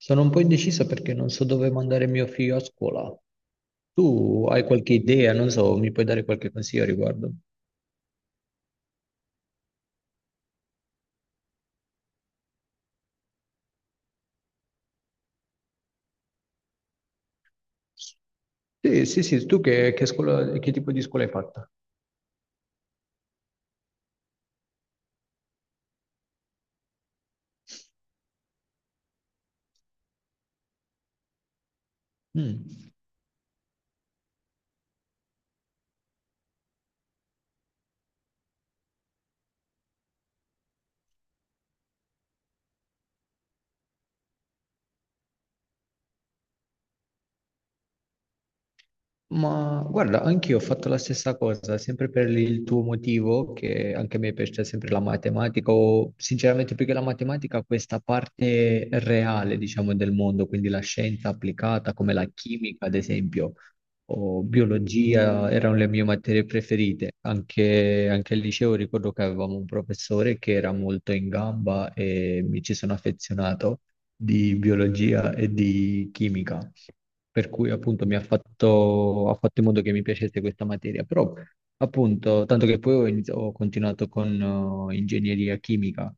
Sono un po' indeciso perché non so dove mandare mio figlio a scuola. Tu hai qualche idea? Non so, mi puoi dare qualche consiglio a riguardo? Sì, sì, sì, tu che scuola, che tipo di scuola hai fatta? Mm. Ma guarda, anch'io ho fatto la stessa cosa, sempre per il tuo motivo, che anche a me piace sempre la matematica, o sinceramente più che la matematica, questa parte reale, diciamo, del mondo, quindi la scienza applicata, come la chimica, ad esempio, o biologia, erano le mie materie preferite. Anche al liceo ricordo che avevamo un professore che era molto in gamba e mi ci sono affezionato di biologia e di chimica, per cui appunto mi ha ha fatto in modo che mi piacesse questa materia, però appunto, tanto che poi ho continuato con ingegneria chimica,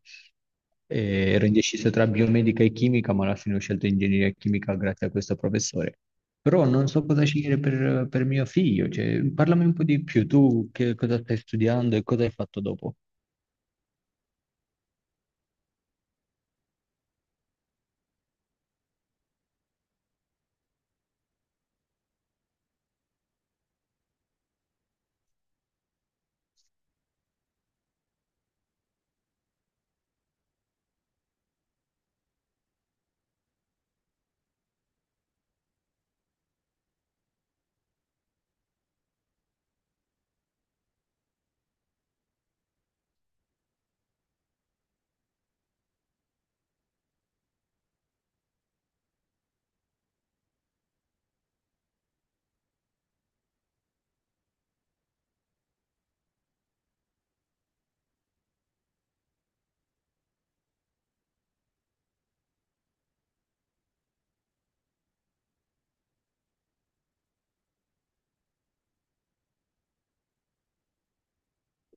e ero indeciso tra biomedica e chimica, ma alla fine ho scelto ingegneria chimica grazie a questo professore. Però non so cosa scegliere per mio figlio, cioè, parlami un po' di più, tu che cosa stai studiando e cosa hai fatto dopo?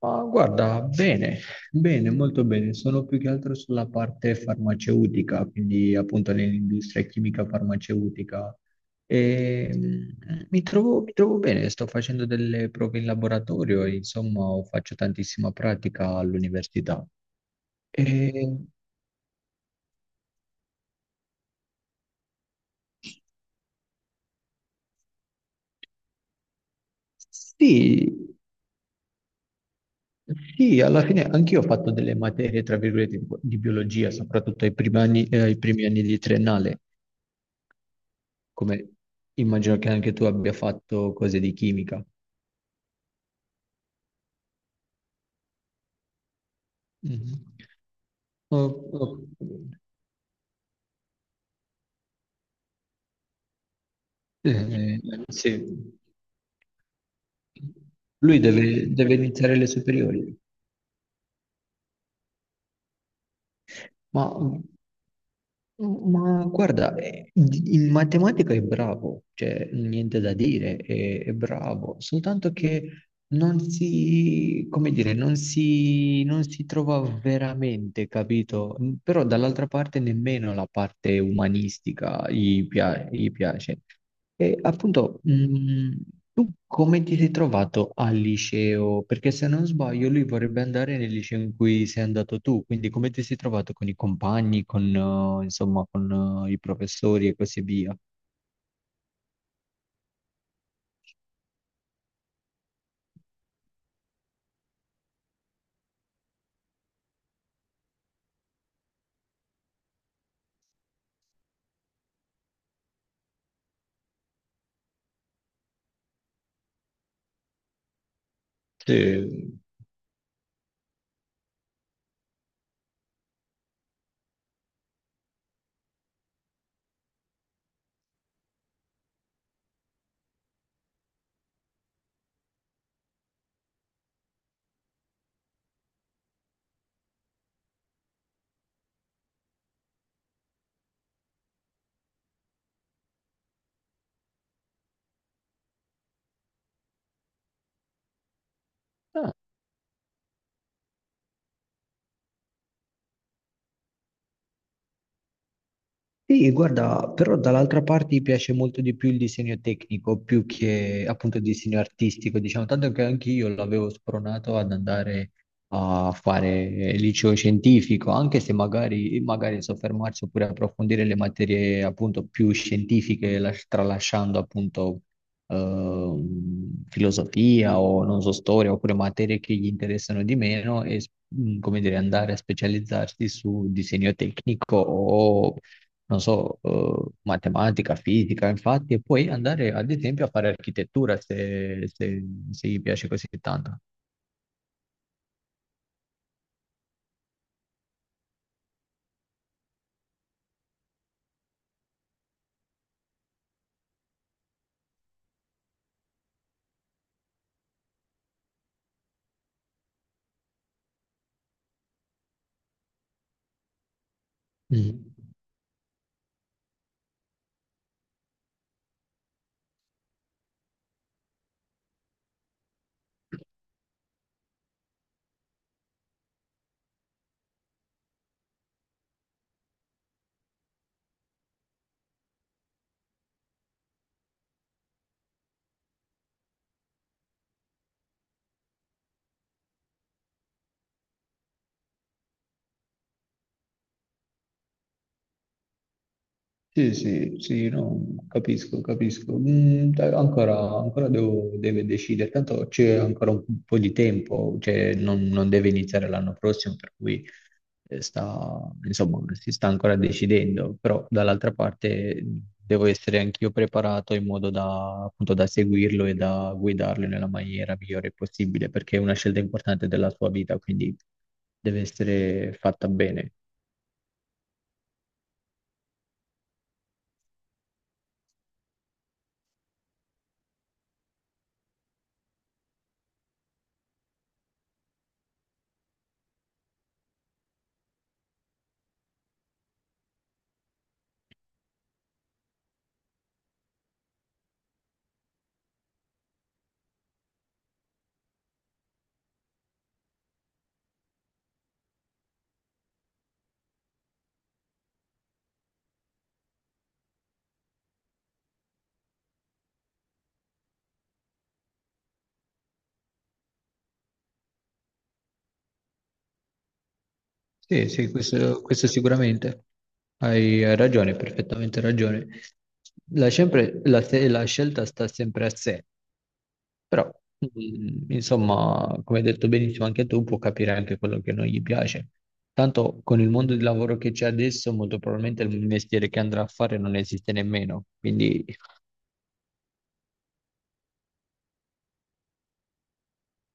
Ma guarda, bene, bene, molto bene. Sono più che altro sulla parte farmaceutica, quindi appunto nell'industria chimica farmaceutica. E, mi trovo bene, sto facendo delle prove in laboratorio, e, insomma, faccio tantissima pratica all'università. Eh, sì, sì, alla fine anch'io ho fatto delle materie, tra virgolette, di biologia, soprattutto ai primi anni di triennale, come immagino che anche tu abbia fatto cose di chimica. Mhm. Oh, oh, eh, sì. Lui deve iniziare le superiori, ma Ma guarda, in matematica è bravo, cioè niente da dire, è bravo, soltanto che non si, come dire, non si, non si trova veramente, capito? Però dall'altra parte nemmeno la parte umanistica gli piace. E appunto, tu come ti sei trovato al liceo? Perché se non sbaglio lui vorrebbe andare nel liceo in cui sei andato tu, quindi come ti sei trovato con i compagni, insomma, i professori e così via? Sì, sì, guarda, però dall'altra parte mi piace molto di più il disegno tecnico più che appunto il disegno artistico, diciamo, tanto che anche io l'avevo spronato ad andare a fare liceo scientifico, anche se magari soffermarsi oppure approfondire le materie appunto più scientifiche, tralasciando appunto filosofia o non so, storia oppure materie che gli interessano di meno come dire, andare a specializzarsi su disegno tecnico o non so, matematica, fisica, infatti, e poi andare ad esempio a fare architettura se gli piace così tanto. Mm. Sì, sì, sì, no, capisco, capisco. Mm, dai, ancora deve decidere, tanto c'è ancora un po' di tempo, cioè non deve iniziare l'anno prossimo, per cui eh, sta, insomma, si sta ancora decidendo, però dall'altra parte devo essere anch'io preparato in modo da, appunto, da seguirlo e da guidarlo nella maniera migliore possibile, perché è una scelta importante della sua vita, quindi deve essere fatta bene. Sì, sì, questo sicuramente. Hai ragione, perfettamente ragione. La, sempre- la se- la scelta sta sempre a sé, però, insomma, come hai detto benissimo anche tu, può capire anche quello che non gli piace. Tanto con il mondo di lavoro che c'è adesso, molto probabilmente il mestiere che andrà a fare non esiste nemmeno. Quindi,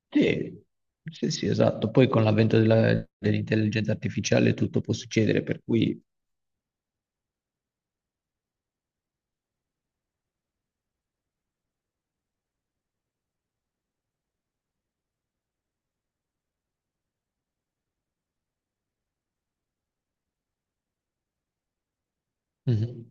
sì, sì, sì, esatto. Poi con l'avvento dell'intelligenza artificiale tutto può succedere, per cui... Mhm.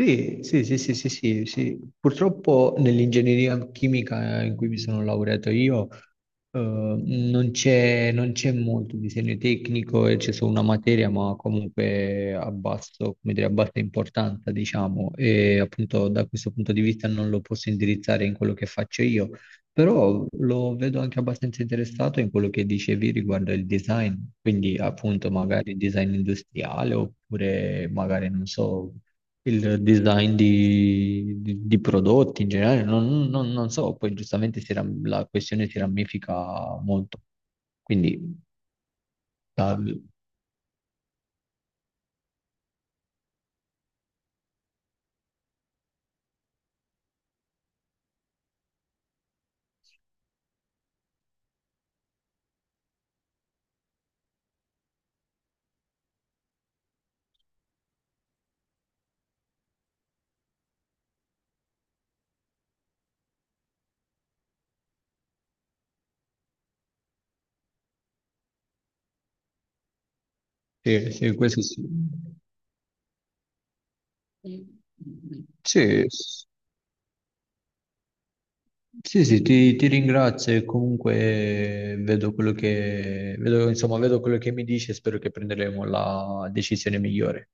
Sì, sì, sì, sì, sì, sì, sì. Purtroppo nell'ingegneria chimica in cui mi sono laureato io, non c'è molto disegno tecnico, e c'è solo una materia, ma comunque a basso, come dire, a bassa importanza, diciamo, e appunto da questo punto di vista non lo posso indirizzare in quello che faccio io. Però lo vedo anche abbastanza interessato in quello che dicevi riguardo il design, quindi appunto magari il design industriale oppure magari non so, il design di prodotti in generale, non so, poi giustamente la questione si ramifica molto. Quindi da- sì, sì, questo sì. Sì, sì, sì, ti ringrazio e comunque vedo vedo, insomma, vedo quello che mi dici e spero che prenderemo la decisione migliore.